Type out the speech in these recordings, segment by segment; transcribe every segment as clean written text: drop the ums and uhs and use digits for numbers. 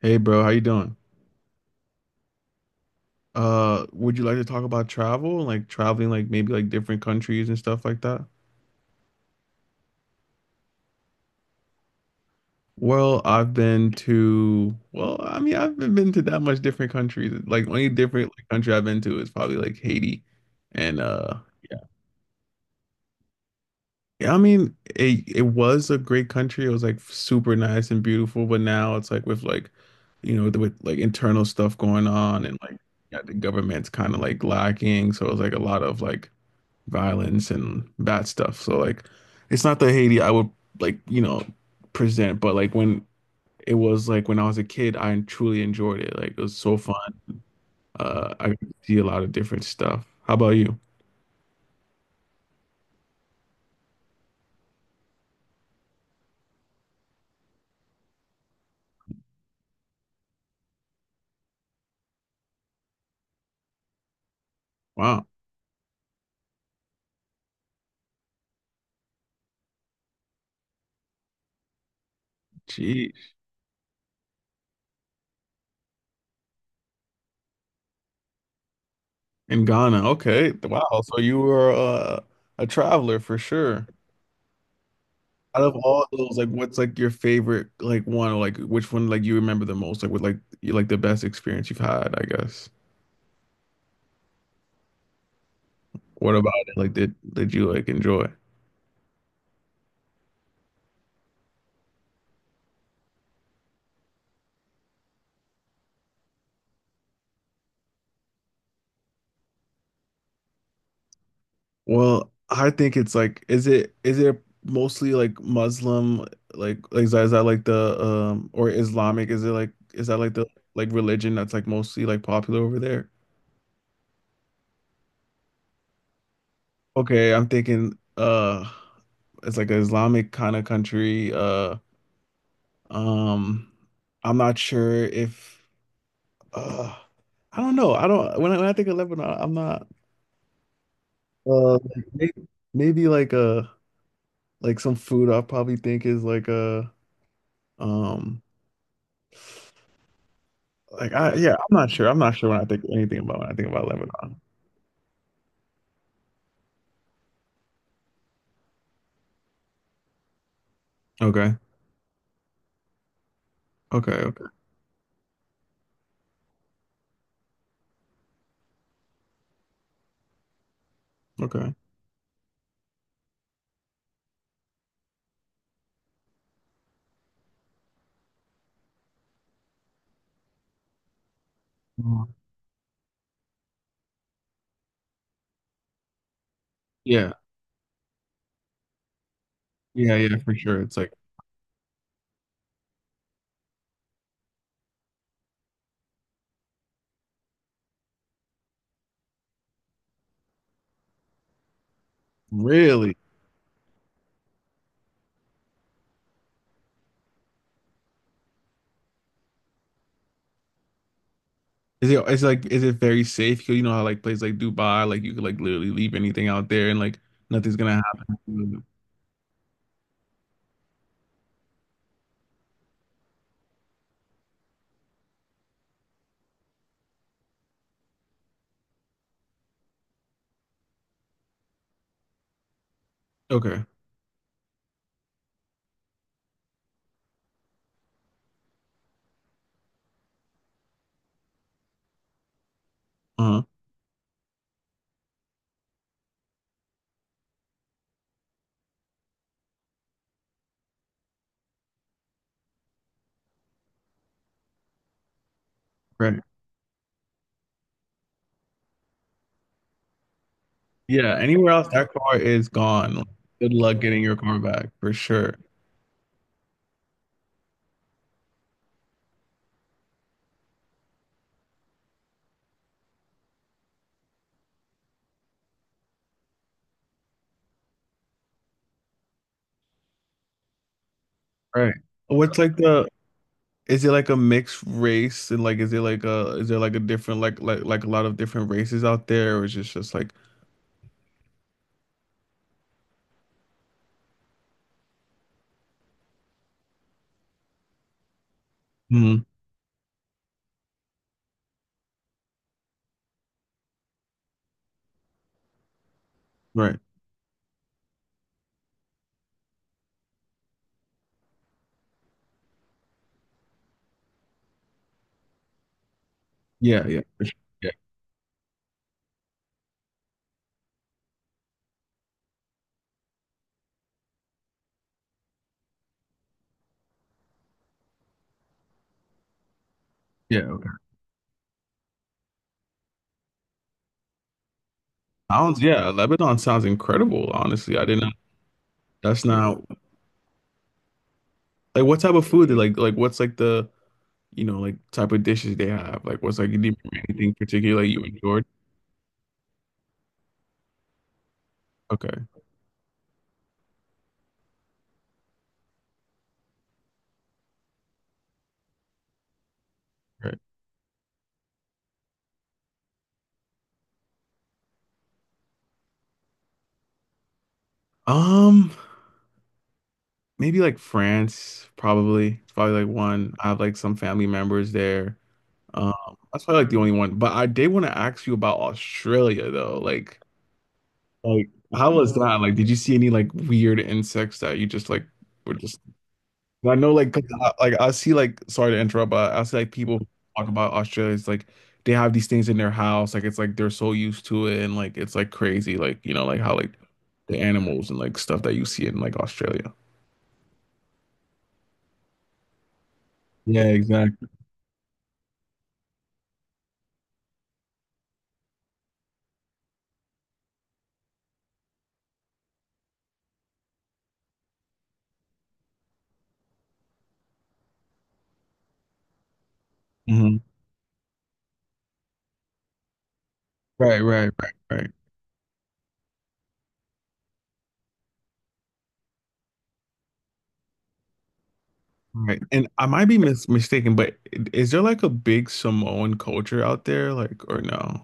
Hey bro, how you doing? Would you like to talk about travel, like traveling, like maybe like different countries and stuff like that? Well, I've been to, well, I mean, I haven't been to that much different countries. Like only different like, country I've been to is probably like Haiti, and yeah. Yeah, I mean, it was a great country. It was like super nice and beautiful, but now it's like with like, you know, with like internal stuff going on and like yeah, the government's kind of like lacking, so it's like a lot of like violence and bad stuff. So like it's not the Haiti I would like, you know, present, but like when it was like when I was a kid, I truly enjoyed it. Like it was so fun. I got to see a lot of different stuff. How about you? Wow. Geez. In Ghana. Okay. Wow. So you were a traveler for sure. Out of all those, like what's like your favorite like one or like which one like you remember the most? Like with like you like the best experience you've had, I guess. What about it? Like did you like enjoy? Well, I think it's like, is it mostly like Muslim, like is that like the or Islamic? Is it like is that like the like religion that's like mostly like popular over there? Okay, I'm thinking it's like an Islamic kind of country. Um I'm not sure if uh I don't know. I don't when I think of Lebanon, I'm not uh maybe, maybe like some food I probably think is like um like I yeah, I'm not sure. I'm not sure when I think anything about when I think about Lebanon. Okay. Okay. Okay. Okay. Mm. Yeah. Yeah. Yeah. For sure. It's like really. Is it? It's like. Is it very safe? 'Cause you know how like places like Dubai, like you could like literally leave anything out there and like nothing's gonna happen. Okay. Uh-huh. Right. Yeah. Anywhere else, that car is gone. Good luck getting your car back for sure. Right. What's like the is it like a mixed race and like is it like a is there like a different like a lot of different races out there or is it just like mhm. Right. Yeah, yeah, for sure. Yeah. Yeah. Okay. Sounds yeah, Lebanon sounds incredible, honestly. I didn't that's not like what type of food they like what's like the you know like type of dishes they have? Like what's like do anything particular like, you enjoyed? Okay, right. Um, Maybe like France, probably. It's probably like one. I have like some family members there. That's probably like the only one. But I did want to ask you about Australia though. Like how was that? Like, did you see any like weird insects that you just like were just? I know like 'cause I, like I see like sorry to interrupt, but I see like people talk about Australia. It's like they have these things in their house. Like it's like they're so used to it, and like it's like crazy. Like you know like how like the animals and like stuff that you see in like Australia. Yeah, exactly. Hmm. Right, right, right, right. Right. And I might be mis mistaken, but is there like a big Samoan culture out there? Like, or no?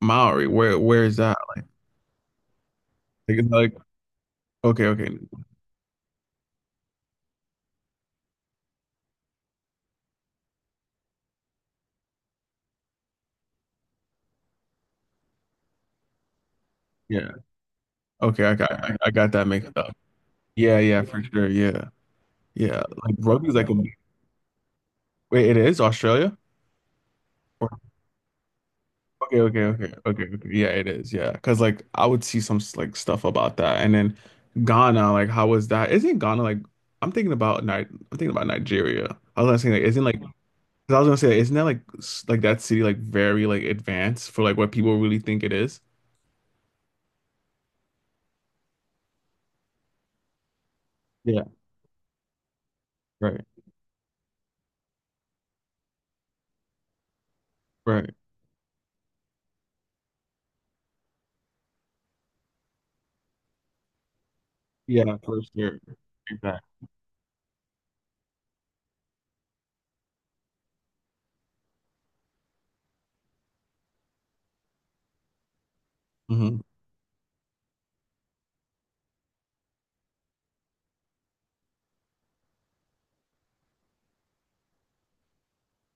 Maori, where is that? Like, it's like okay, okay. Yeah. Okay, I got that mixed up. Yeah, yeah, for sure. Yeah. Yeah. Like rugby's like a wait, it is Australia? Or- okay, okay, okay, okay, okay. Yeah, it is. Yeah, because like I would see some like stuff about that. And then Ghana, like how was that? Isn't Ghana like I'm thinking about Ni I'm thinking about Nigeria. I was gonna say like isn't like 'cause I was gonna say, isn't that like s- like that city like very like advanced for like what people really think it is? Yeah, right, right. Yeah, for sure. Exactly. Hmm.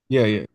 Yeah, yeah.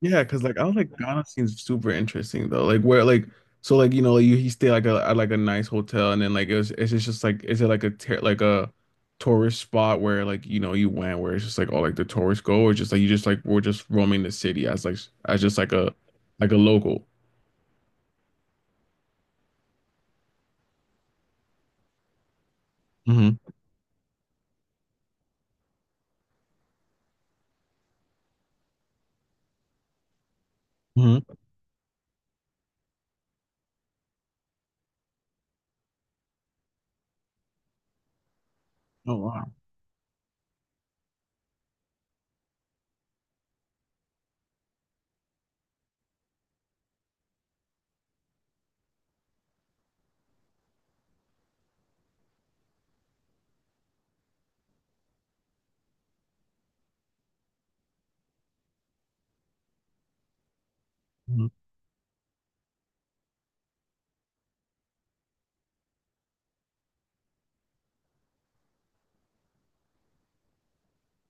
Yeah, because like I was like Ghana seems super interesting though. Like where like so like you know like, you he stay like a at like a nice hotel and then like it was it's just like is it like a ter like a tourist spot where like you know you went where it's just like all like the tourists go or just like you just like we're just roaming the city as like as just like a local. Hmm. Hmm. Oh wow.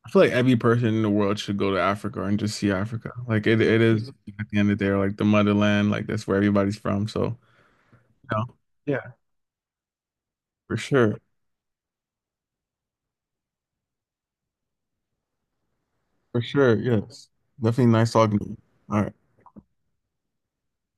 I feel like every person in the world should go to Africa and just see Africa. Like it is at the end of the day, like the motherland, like that's where everybody's from. So, you know, yeah, for sure, for sure, yes, definitely nice talking to you. All right.